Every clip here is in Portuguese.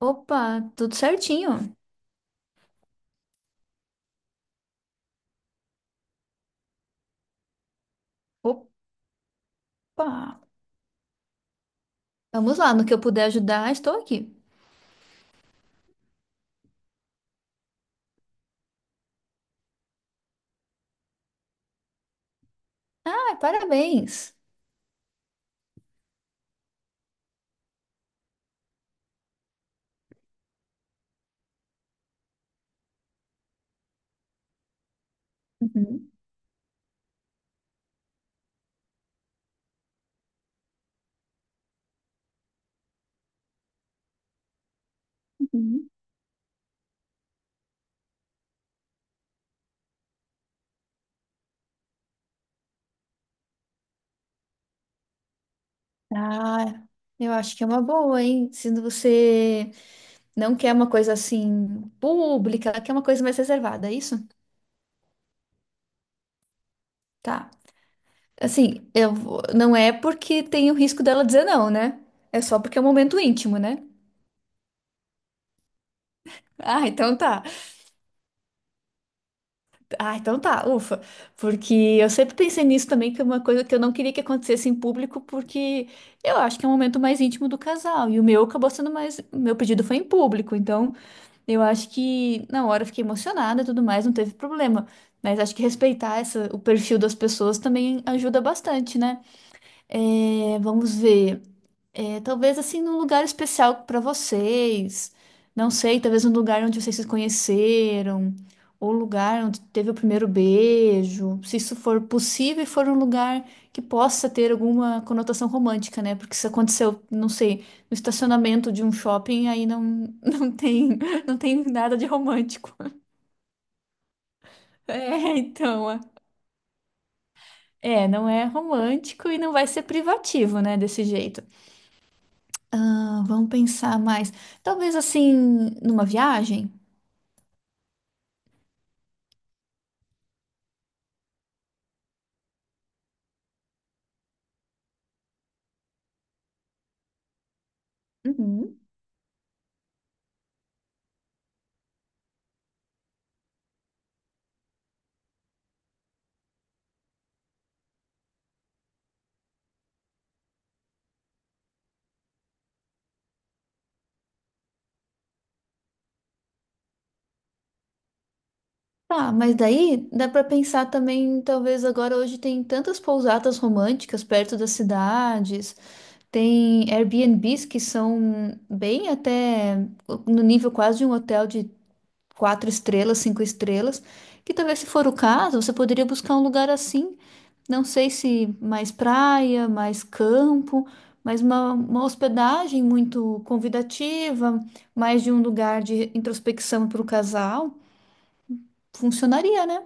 Opa, tudo certinho. Opa, vamos lá, no que eu puder ajudar, estou aqui. Ah, parabéns. Uhum, uhum. Ah, eu acho que é uma boa, hein? Se você não quer uma coisa assim pública, quer uma coisa mais reservada, é isso? Tá. Assim, não é porque tem o risco dela dizer não, né? É só porque é um momento íntimo, né? Ah, então tá. Ah, então tá, ufa. Porque eu sempre pensei nisso também, que é uma coisa que eu não queria que acontecesse em público, porque eu acho que é um momento mais íntimo do casal. E o meu acabou sendo mais. O Meu pedido foi em público, então eu acho que na hora eu fiquei emocionada e tudo mais, não teve problema. Mas acho que respeitar essa, o perfil das pessoas também ajuda bastante, né? É, vamos ver. É, talvez assim num lugar especial para vocês. Não sei, talvez um lugar onde vocês se conheceram, ou um lugar onde teve o primeiro beijo, se isso for possível e for um lugar que possa ter alguma conotação romântica, né? Porque se aconteceu, não sei, no estacionamento de um shopping, aí não, não tem, não tem nada de romântico. É, então, é, é, não é romântico e não vai ser privativo, né, desse jeito. Ah, vamos pensar mais. Talvez assim, numa viagem? Uhum. Tá, mas daí dá pra pensar também, talvez agora hoje tem tantas pousadas românticas perto das cidades, tem Airbnbs que são bem até no nível quase de um hotel de quatro estrelas, cinco estrelas, que talvez se for o caso, você poderia buscar um lugar assim, não sei se mais praia, mais campo, mas uma hospedagem muito convidativa, mais de um lugar de introspecção para o casal, funcionaria, né?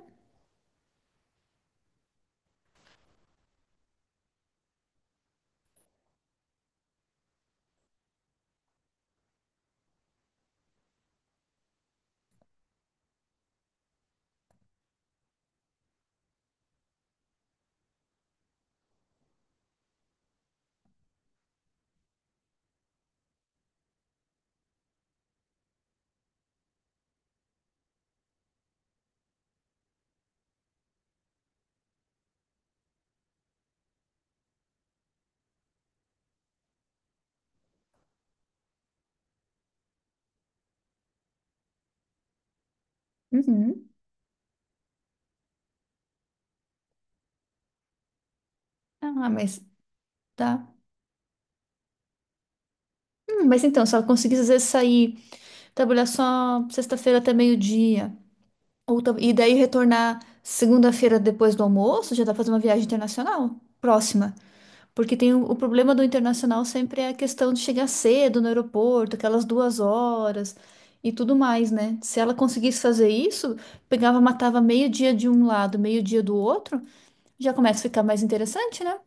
Uhum. Ah, mas tá. Mas então, se ela conseguisse às vezes sair, trabalhar só sexta-feira até meio-dia, e daí retornar segunda-feira depois do almoço, já dá pra fazer uma viagem internacional próxima. Porque tem o problema do internacional sempre é a questão de chegar cedo no aeroporto, aquelas duas horas e tudo mais, né? Se ela conseguisse fazer isso, pegava, matava meio-dia de um lado, meio-dia do outro, já começa a ficar mais interessante, né?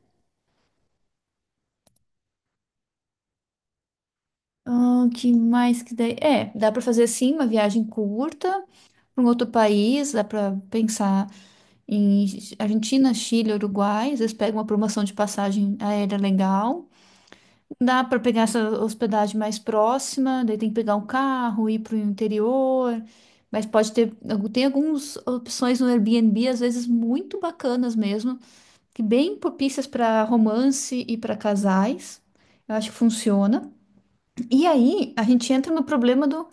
Ah, que mais que daí? É, dá para fazer sim uma viagem curta para um outro país, dá para pensar em Argentina, Chile, Uruguai, às vezes pega uma promoção de passagem aérea legal. Dá para pegar essa hospedagem mais próxima, daí tem que pegar um carro, ir para o interior, mas pode ter, tem algumas opções no Airbnb, às vezes muito bacanas mesmo, que bem propícias para romance e para casais. Eu acho que funciona. E aí a gente entra no problema do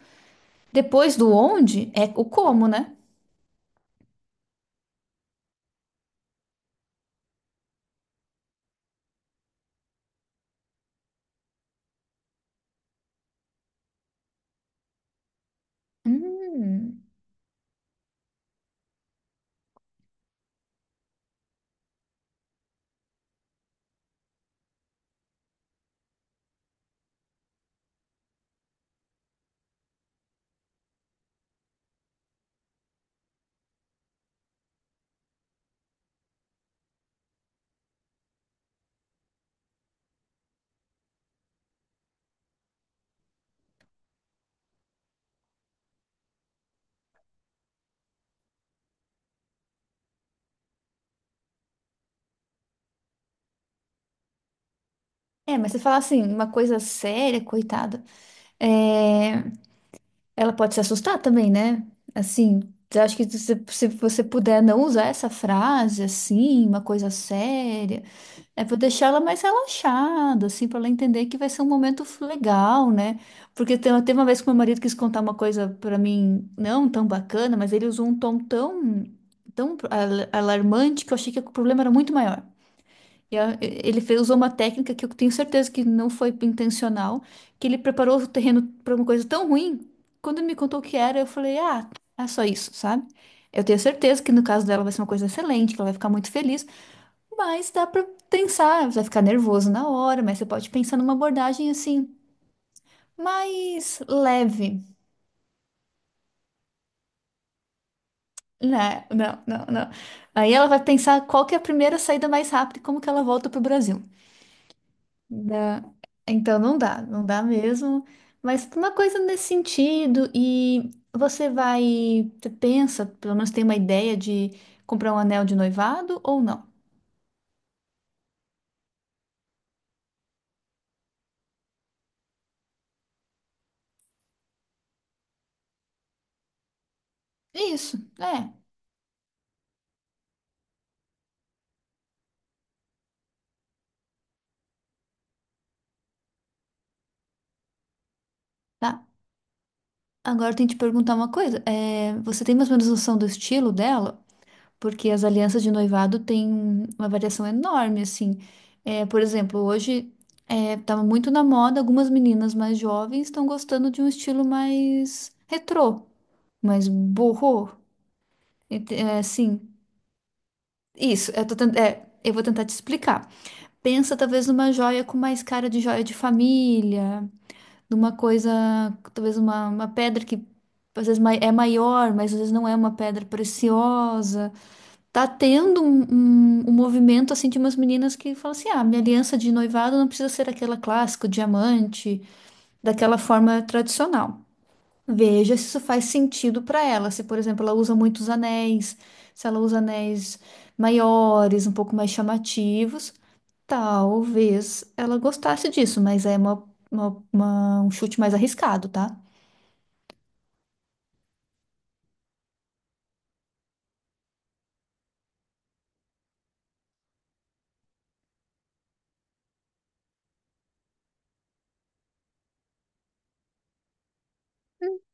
depois do onde é o como, né? Hum. É, mas você fala assim, uma coisa séria, coitada. É, ela pode se assustar também, né? Assim, eu acho que se você puder não usar essa frase assim, uma coisa séria, é pra deixar ela mais relaxada, assim, pra ela entender que vai ser um momento legal, né? Porque teve uma vez que meu marido quis contar uma coisa pra mim não tão bacana, mas ele usou um tom tão, alarmante que eu achei que o problema era muito maior. Ele usou uma técnica que eu tenho certeza que não foi intencional, que ele preparou o terreno para uma coisa tão ruim. Quando ele me contou o que era, eu falei, ah, é só isso, sabe? Eu tenho certeza que no caso dela vai ser uma coisa excelente, que ela vai ficar muito feliz, mas dá para pensar, vai ficar nervoso na hora, mas você pode pensar numa abordagem assim, mais leve. Não, não, não, não. Aí ela vai pensar qual que é a primeira saída mais rápida e como que ela volta para o Brasil. Dá- Então não dá, não dá mesmo. Mas uma coisa nesse sentido, e você vai, você pensa, pelo menos tem uma ideia de comprar um anel de noivado ou não? É isso, é, tá. Agora eu tenho que te perguntar uma coisa. É, você tem mais ou menos noção do estilo dela? Porque as alianças de noivado têm uma variação enorme, assim. É, por exemplo, hoje é, tá muito na moda, algumas meninas mais jovens estão gostando de um estilo mais retrô. Mas burro, é, assim, isso, é, eu vou tentar te explicar. Pensa talvez numa joia com mais cara de joia de família, numa coisa, talvez uma pedra que é maior, mas às vezes não é uma pedra preciosa. Tá tendo um movimento assim de umas meninas que falam assim: ah, minha aliança de noivado não precisa ser aquela clássica, o diamante, daquela forma tradicional. Veja se isso faz sentido para ela. Se, por exemplo, ela usa muitos anéis, se ela usa anéis maiores, um pouco mais chamativos, talvez ela gostasse disso, mas é um chute mais arriscado, tá?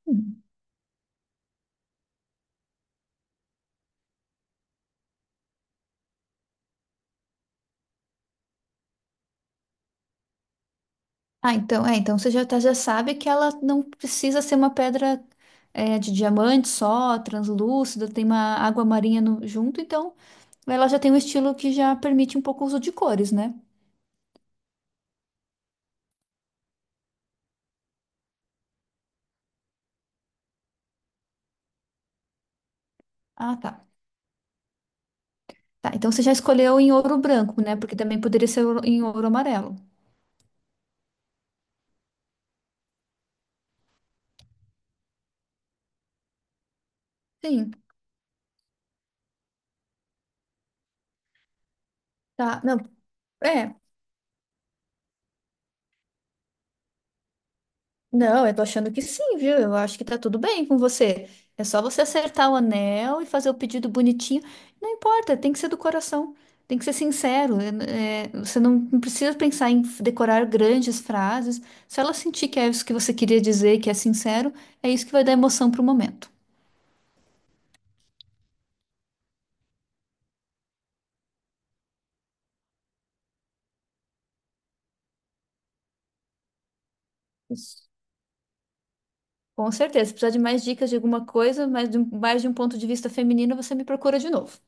Hum. Ah, então, é, então você já, já sabe que ela não precisa ser uma pedra é, de diamante só, translúcida, tem uma água marinha junto, então ela já tem um estilo que já permite um pouco o uso de cores, né? Ah, tá. Tá, então você já escolheu em ouro branco, né? Porque também poderia ser em ouro amarelo. Sim, tá. Não, é. Não, eu tô achando que sim, viu? Eu acho que tá tudo bem com você. É só você acertar o anel e fazer o pedido bonitinho. Não importa, tem que ser do coração. Tem que ser sincero. É, é, você não precisa pensar em decorar grandes frases. Se ela sentir que é isso que você queria dizer, que é sincero, é isso que vai dar emoção pro momento. Com certeza. Se precisar de mais dicas de alguma coisa, mas mais de um ponto de vista feminino, você me procura de novo.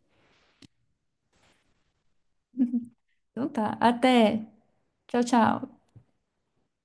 Então tá. Até. Tchau, tchau.